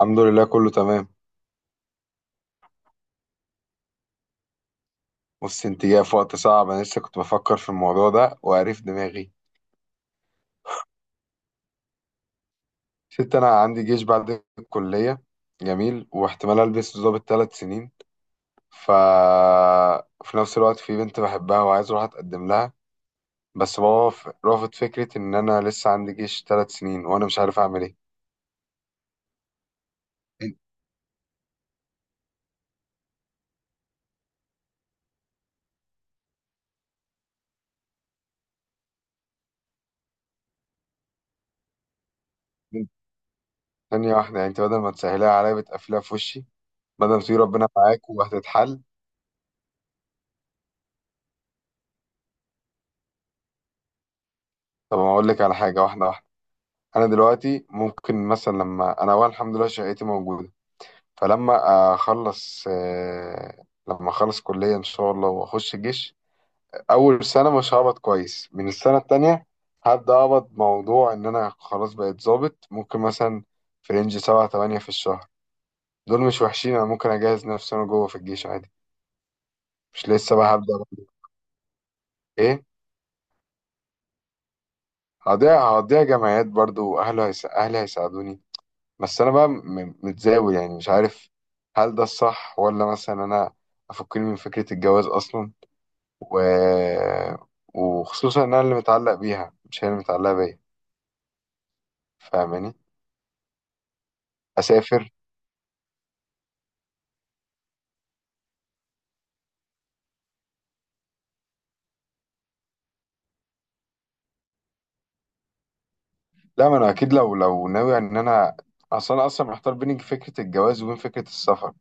الحمد لله، كله تمام. بص، انت جاي في وقت صعب. انا لسه كنت بفكر في الموضوع ده وقريف دماغي. ست، انا عندي جيش بعد الكليه. جميل، واحتمال البس ضابط 3 سنين. ف في نفس الوقت في بنت بحبها وعايز اروح اتقدم لها. بس بابا رافض فكره ان انا لسه عندي جيش 3 سنين، وانا مش عارف اعمل ايه. انت- انت- ثانيه واحده، يعني انت بدل ما تسهلها عليا بتقفلها في وشي. بدل ما تقولي ربنا معاك وهتتحل. طب، انا اقول لك على حاجه واحده واحده. انا دلوقتي ممكن مثلا لما انا، اولا الحمد لله شقتي موجوده. فلما اخلص آه، لما اخلص كليه ان شاء الله واخش الجيش. اول سنه مش هقبض كويس، من السنه التانية هبدا اقبض. موضوع ان انا خلاص بقيت ظابط، ممكن مثلا في رينج 7 8 في الشهر. دول مش وحشين. انا ممكن اجهز نفسي انا جوه في الجيش عادي. مش لسه بقى هبدا بقى- ايه. هضيع جمعيات برضو، اهلي هيساعدوني. بس انا بقى متزاول، يعني مش عارف. هل ده الصح، ولا مثلا انا افكني من فكرة الجواز اصلا؟ و... وخصوصا ان انا اللي متعلق بيها مش هي اللي متعلقة بيا. فاهماني؟ اسافر. لا، ما انا اكيد لو ناوي ان انا، اصلا انا اصلا محتار بين فكرة الجواز وبين فكرة السفر.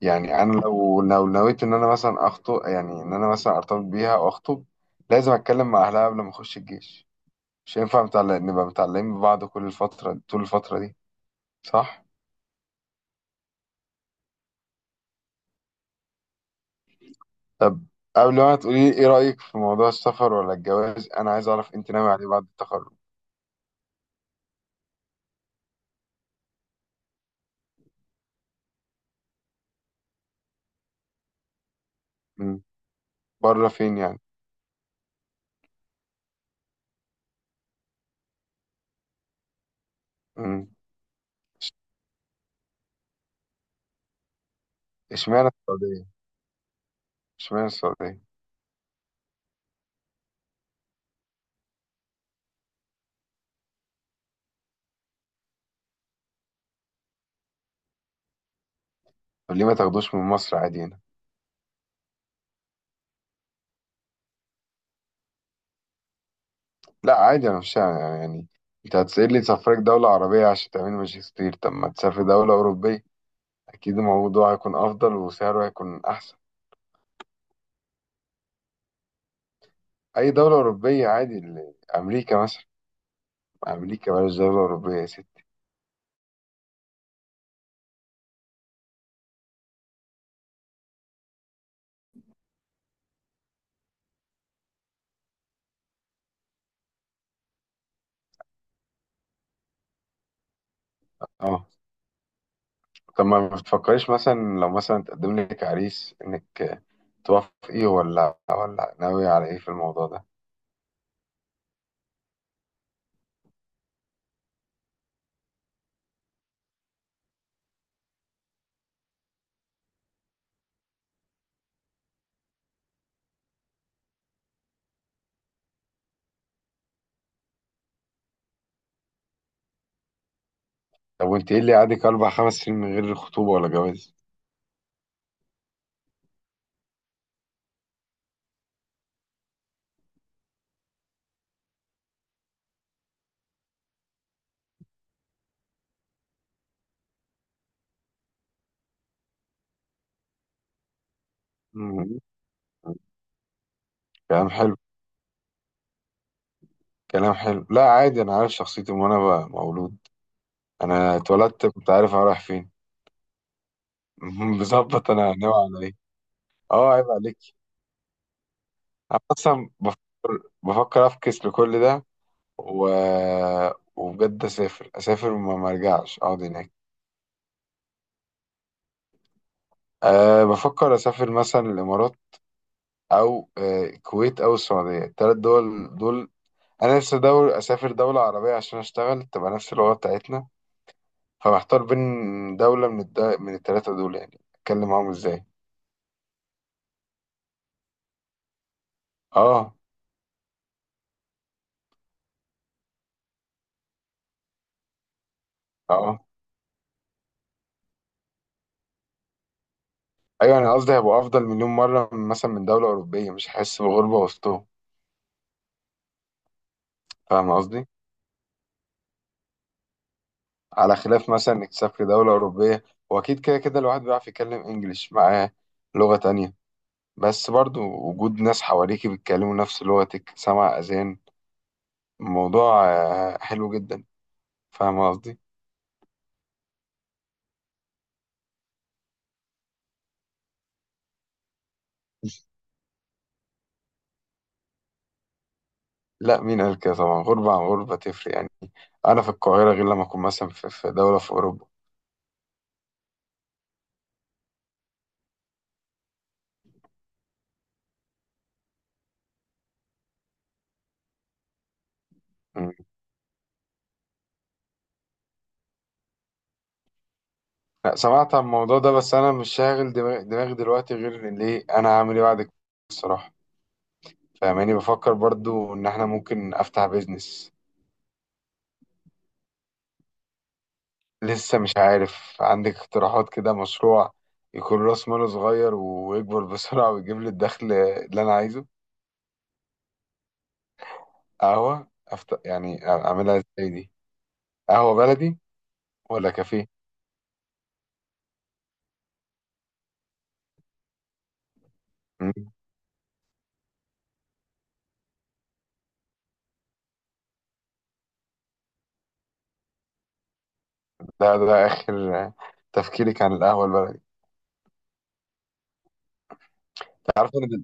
يعني انا لو نويت ان انا مثلا اخطب، يعني ان انا مثلا ارتبط بيها او اخطب، لازم اتكلم مع اهلها قبل ما اخش الجيش. مش هينفع نبقى متعلقين ببعض كل الفترة طول الفترة دي، صح؟ طب، قبل ما تقولي ايه رأيك في موضوع السفر ولا الجواز، انا عايز اعرف انت ناوي عليه بعد التخرج؟ مم. بره فين يعني؟ مم. إش- اشمعنى السعودية؟ اشمعنى السعودية؟ طب ليه ما تاخدوش من مصر عادي هنا؟ لا عادي، انا مش يعني. انت هتسألني تسافرك دولة عربية عشان تعمل ماجستير؟ طب ما تسافر دولة أوروبية، اكيد الموضوع هيكون افضل وسعره هيكون احسن. اي دولة أوروبية عادي، امريكا مثلا. امريكا، بلاش دولة أوروبية يا ست. طب ما بتفكريش مثلا لو مثلا تقدم لك عريس انك توافقي، ولا ناوي على ايه في الموضوع ده؟ طب وانت ايه اللي قعدك 4 5 سنين من غير خطوبة ولا جواز؟ مم. كلام حلو. كلام حلو، لا عادي، انا عارف شخصيتي من وانا بقى مولود. انا اتولدت كنت عارف انا رايح فين. بظبط انا ناوي على ايه. اه، عيب عليك. انا اصلا بفكر افكس لكل ده. و... وبجد اسافر وما ما ارجعش اقعد هناك. أه، بفكر أسافر مثلا الإمارات، أو الكويت، أو السعودية. التلات دول. أنا نفسي دول أسافر دولة عربية عشان أشتغل، تبقى نفس اللغة بتاعتنا. فمحتار بين دولة من التلاتة دول، يعني أتكلم معاهم إزاي؟ أه. أه. أيوة، أنا قصدي هيبقى أفضل مليون مرة مثلا من دولة أوروبية، مش هحس بغربة وسطهم. فاهم قصدي؟ على خلاف مثلا إنك تسافر دولة أوروبية، وأكيد كده كده الواحد بيعرف يتكلم إنجليش معاه، لغة تانية. بس برضو وجود ناس حواليكي بيتكلموا نفس لغتك، سمع أذان، الموضوع حلو جدا. فاهم قصدي؟ لا، مين قال كده؟ طبعا غربة عن غربة تفرق يعني. أنا في القاهرة غير لما أكون مثلا في دولة في أوروبا. مم. لا، سمعت عن الموضوع ده، بس أنا مش شاغل دماغي دلوقتي غير إن ليه أنا هعمل إيه بعد كده، الصراحة. فاهماني؟ بفكر برضو إن إحنا ممكن أفتح بيزنس. لسه مش عارف، عندك اقتراحات؟ كده مشروع يكون راس ماله صغير ويكبر بسرعة ويجيب لي الدخل اللي أنا عايزه. قهوة يعني أعملها إزاي دي؟ قهوة بلدي ولا كافيه؟ مم. ده آخر تفكيرك عن القهوة البلدي؟ تعرف، أنا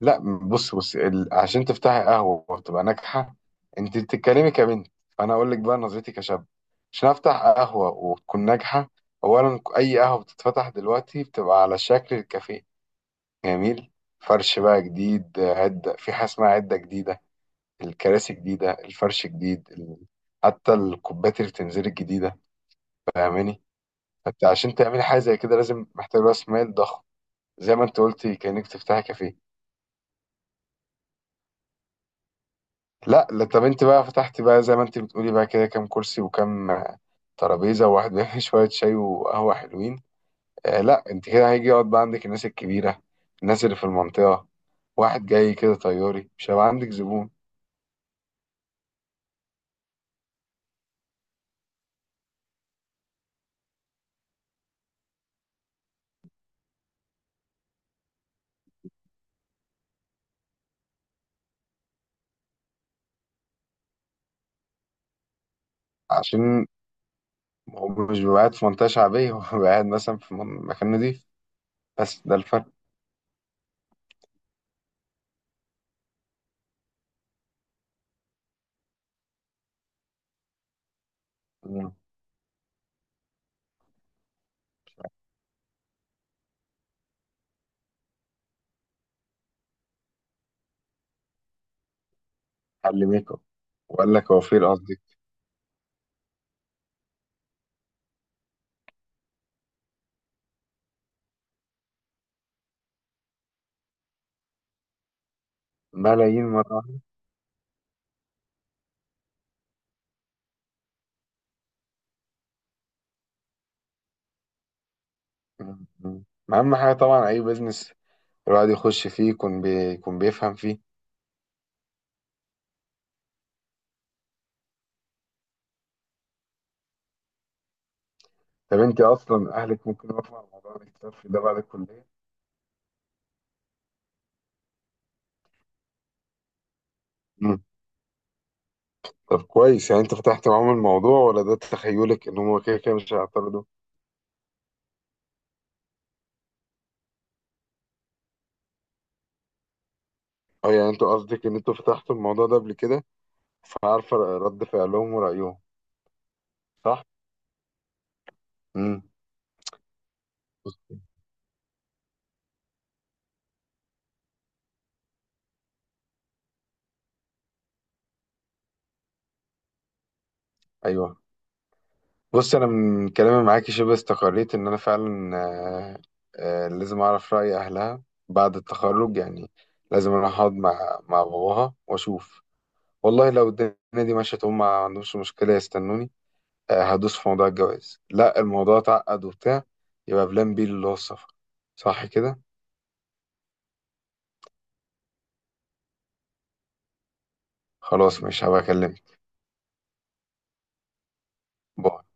لا. بص عشان تفتحي قهوة وتبقى ناجحة، أنت بتتكلمي كبنت، فأنا أقول لك بقى نظرتي كشاب. عشان أفتح قهوة وتكون ناجحة، أولا أي قهوة بتتفتح دلوقتي بتبقى على شكل الكافيه. جميل. فرش بقى جديد، عدة، في حاجة اسمها عدة جديدة. الكراسي جديدة، الفرش جديد، حتى الكوبات اللي بتنزل الجديدة، فاهماني؟ فانت عشان تعملي حاجة زي كده لازم محتاج راس مال ضخم، زي ما انت قلتي كأنك تفتحي كافيه. لا لا، طب انت بقى فتحتي بقى زي ما انت بتقولي بقى كده، كام كرسي وكام ترابيزة وواحد بيعمل شوية شاي وقهوة حلوين؟ آه لا، انت كده هيجي يقعد بقى عندك الناس الكبيرة، الناس اللي في المنطقة. واحد جاي كده طياري مش هيبقى عندك زبون. عشان هو مش بيبقى قاعد في منطقة شعبية، هو بيبقى قاعد مثلا في مكان نضيف. بس ده الفرق. مم. حل ميك اب، وقال لك وفير قصدي. ملايين مرة واحدة. مم. مم. أهم حاجة طبعا أي بيزنس الواحد يخش فيه يكون يكون بيفهم فيه. طب أنت أصلا أهلك ممكن يوافقوا على موضوع الاكتشاف ده بعد الكلية؟ مم. طب كويس، يعني أنت فتحت معاهم الموضوع، ولا ده تخيلك إن هما كده كده مش هيعترضوا؟ أه، يعني أنتوا قصدك إن أنتوا فتحتوا الموضوع ده قبل كده، فعارفة رد فعلهم ورأيهم، صح؟ مم. أيوه. بص، انا من كلامي معاكي شبه استقريت ان انا فعلا لازم اعرف راي اهلها بعد التخرج يعني. لازم اروح اقعد مع باباها واشوف. والله لو الدنيا دي مشيت، هم ما عندهمش مشكله يستنوني، هدوس في موضوع الجواز. لا، الموضوع اتعقد وبتاع، يبقى بلان بي اللي هو السفر، صح كده؟ خلاص، مش هبقى اكلمك. باي.